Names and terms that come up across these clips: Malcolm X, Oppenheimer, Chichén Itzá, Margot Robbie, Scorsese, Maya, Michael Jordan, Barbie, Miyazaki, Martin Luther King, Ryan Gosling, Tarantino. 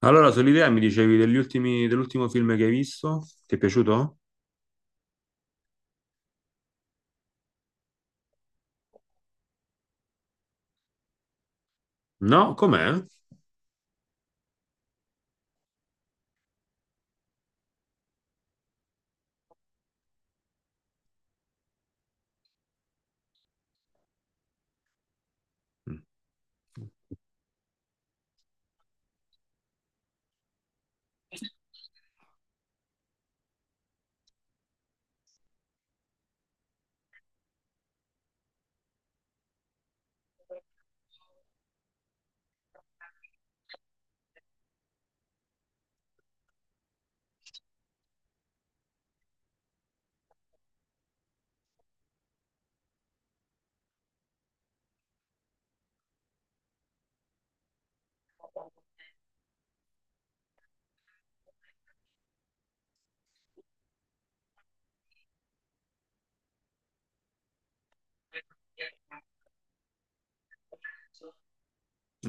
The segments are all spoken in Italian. Allora, sull'idea mi dicevi dell'ultimo film che hai visto? Ti è piaciuto? No? Com'è? Mm.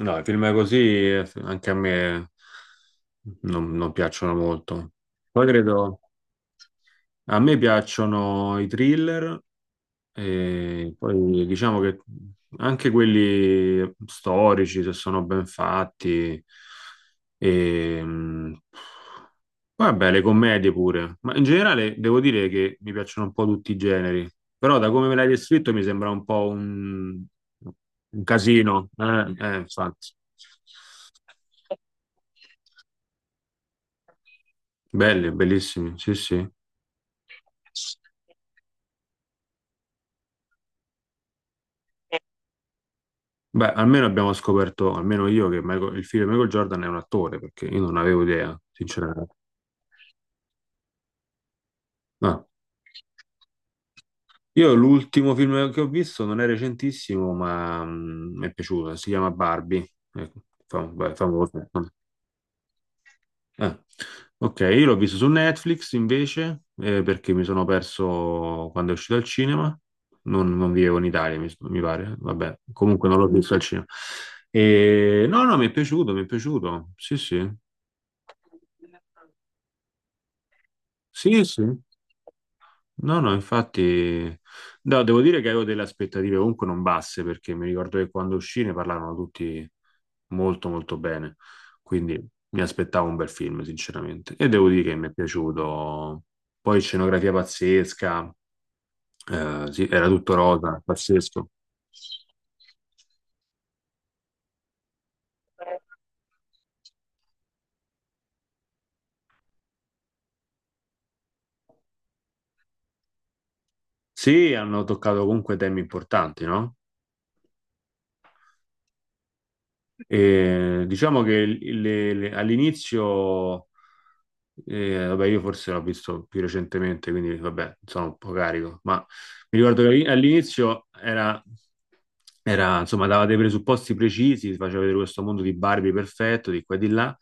No, i film così anche a me non piacciono molto. Poi credo, a me piacciono i thriller. E poi diciamo che anche quelli storici, se sono ben fatti, e, vabbè, le commedie pure, ma in generale devo dire che mi piacciono un po' tutti i generi, però da come me l'hai descritto mi sembra un po' un casino, infatti. Belli, bellissimi, sì, sì. Beh, almeno abbiamo scoperto, almeno io, che il figlio di Michael Jordan è un attore, perché io non avevo idea, sinceramente. Ah. Io l'ultimo film che ho visto non è recentissimo, ma mi è piaciuto, si chiama Barbie. Ecco, famoso. Ah, ok, io l'ho visto su Netflix invece, perché mi sono perso quando è uscito al cinema. Non vivevo in Italia, mi pare. Vabbè, comunque non l'ho visto al cinema. E, no, no, mi è piaciuto, mi è piaciuto. Sì, sì. Sì, sì. No, no, infatti, no, devo dire che avevo delle aspettative comunque non basse perché mi ricordo che quando uscì ne parlavano tutti molto molto bene, quindi mi aspettavo un bel film, sinceramente, e devo dire che mi è piaciuto. Poi scenografia pazzesca, sì, era tutto rosa, pazzesco. Sì, hanno toccato comunque temi importanti, no? E diciamo che all'inizio, vabbè, io forse l'ho visto più recentemente, quindi vabbè, sono un po' carico, ma mi ricordo che all'inizio era, insomma, dava dei presupposti precisi, ti faceva vedere questo mondo di Barbie perfetto, di qua e di là.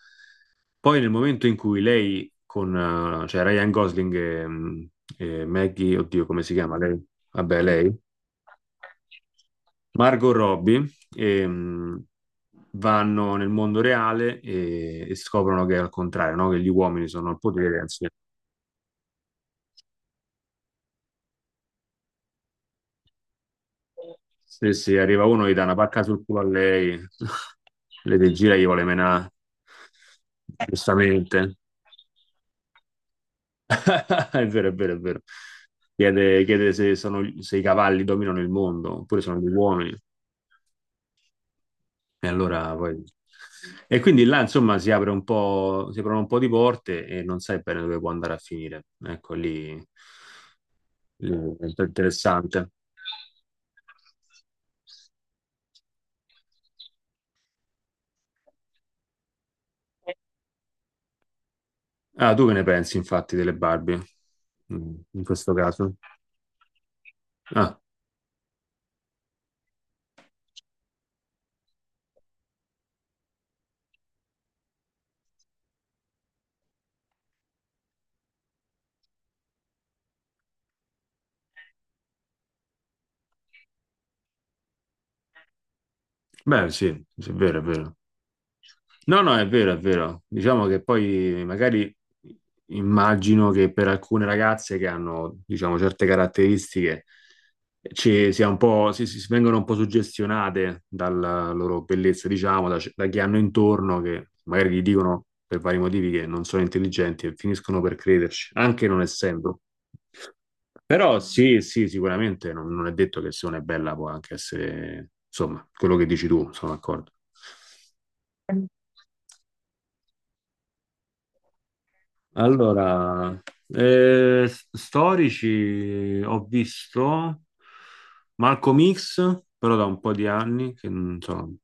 Poi nel momento in cui cioè Ryan Gosling e, e Maggie, oddio, come si chiama lei? Vabbè, lei. Margot Robbie ehm, vanno nel mondo reale e scoprono che è al contrario, no? Che gli uomini sono al potere, anzi, se arriva uno gli dà una pacca sul culo a lei, le degira e gli vuole menare, giustamente. È vero, è vero, è vero. Chiede se, se i cavalli dominano il mondo oppure sono gli uomini. E allora poi... E quindi là, insomma, si aprono un po' di porte e non sai bene dove può andare a finire. Ecco, lì è un po' interessante. Ah, tu che ne pensi, infatti, delle Barbie, mm, in questo caso? Ah, beh, sì, sì, è vero, è vero. No, no, è vero, è vero. Diciamo che poi magari immagino che per alcune ragazze che hanno, diciamo, certe caratteristiche ci sia un po', si vengono un po' suggestionate dalla loro bellezza, diciamo, da chi hanno intorno, che magari gli dicono per vari motivi che non sono intelligenti e finiscono per crederci, anche non essendo. Però sì, sì, sicuramente non è detto che se una è bella può anche essere, insomma, quello che dici tu, sono d'accordo. Allora, storici ho visto Malcolm X, però da un po' di anni che non so.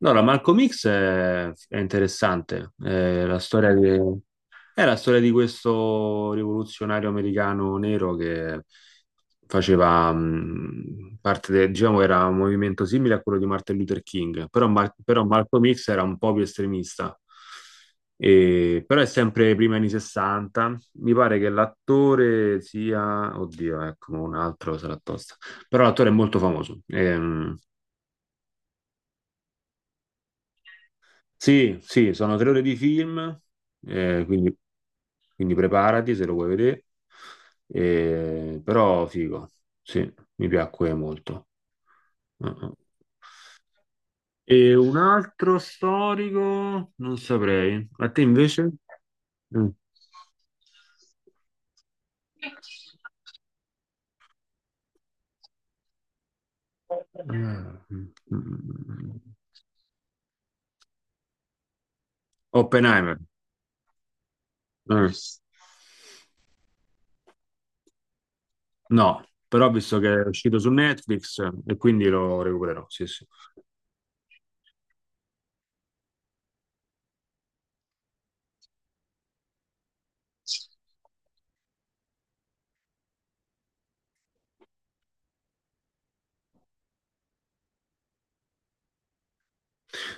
Allora, Malcolm X è interessante, è la storia di questo rivoluzionario americano nero che faceva parte del, diciamo, era un movimento simile a quello di Martin Luther King, però, Malcolm X era un po' più estremista. Però è sempre prima anni 60. Mi pare che l'attore sia, oddio, ecco, un altro sarà tosta. Però l'attore è molto famoso. Sì, sì, sono tre ore di film, quindi. Quindi preparati se lo vuoi vedere. Però figo, sì, mi piacque molto. Uh-uh. E un altro storico, non saprei. A te invece? Mm. Ah, mm, mm. Oppenheimer. Mm. No, però ho visto che è uscito su Netflix e quindi lo recupererò, sì, sì.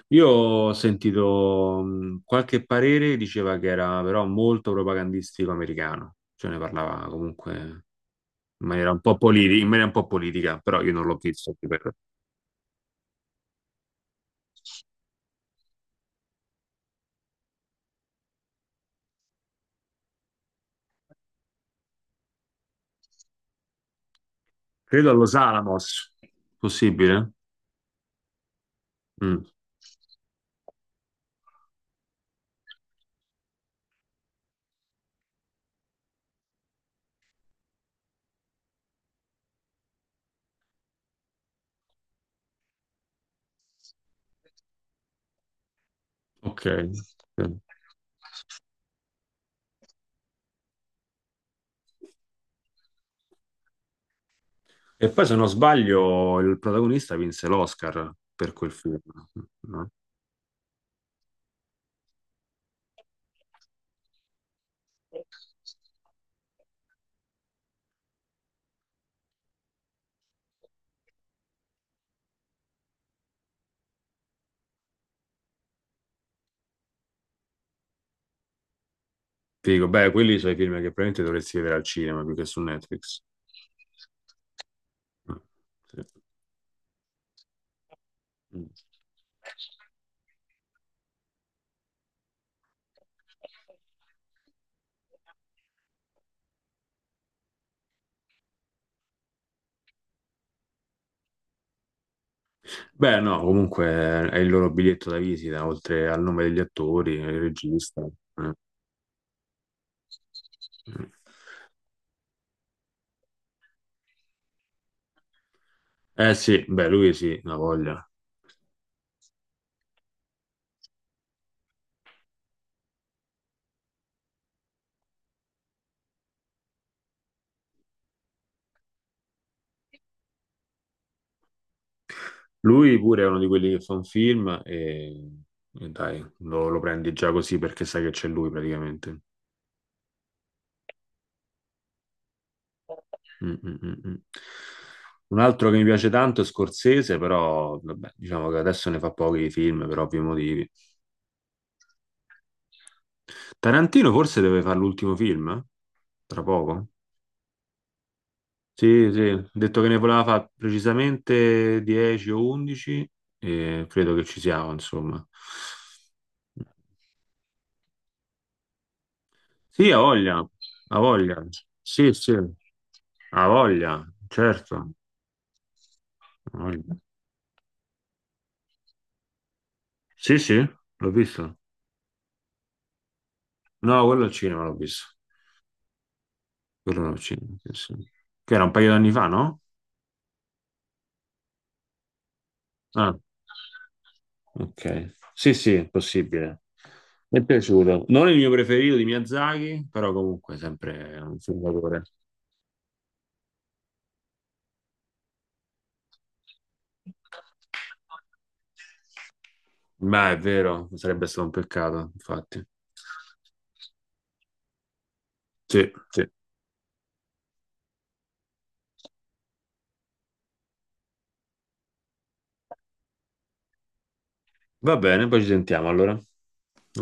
Io ho sentito qualche parere, diceva che era però molto propagandistico americano, cioè ne parlava comunque in maniera un po' in maniera un po' politica, però io non l'ho visto. Ti prego. Credo allo Salamos, possibile? Mm, ok. E poi se non sbaglio il protagonista vinse l'Oscar per quel film, no? Figo, beh, quelli sono i film che probabilmente dovresti vedere al cinema più che su Netflix. Mm, sì. Mm. Beh, no, comunque è il loro biglietto da visita, oltre al nome degli attori, il regista. Eh, Eh, sì, beh, lui sì, una voglia. Lui pure è uno di quelli che fa un film e dai, lo prendi già così perché sai che c'è lui praticamente. Mm, mm, mm, mm. Un altro che mi piace tanto è Scorsese, però vabbè, diciamo che adesso ne fa pochi di film per ovvi motivi. Tarantino forse deve fare l'ultimo film, eh? Tra poco. Sì, sì, ha detto che ne voleva fare precisamente 10 o 11 e credo che ci siamo, insomma. Sì, ha voglia, ha voglia. Sì, sì, ha voglia, certo. Ha voglia. Sì, sì, l'ho visto. No, quello al cinema l'ho visto. Quello al cinema, sì, sì. Che era un paio d'anni fa, no? Ah, ok. Sì, sì, è possibile. Mi è piaciuto. Non il mio preferito di Miyazaki, però comunque sempre un film d'autore. Ma è vero, sarebbe stato un peccato, infatti. Sì, sì. Va bene, poi ci sentiamo allora.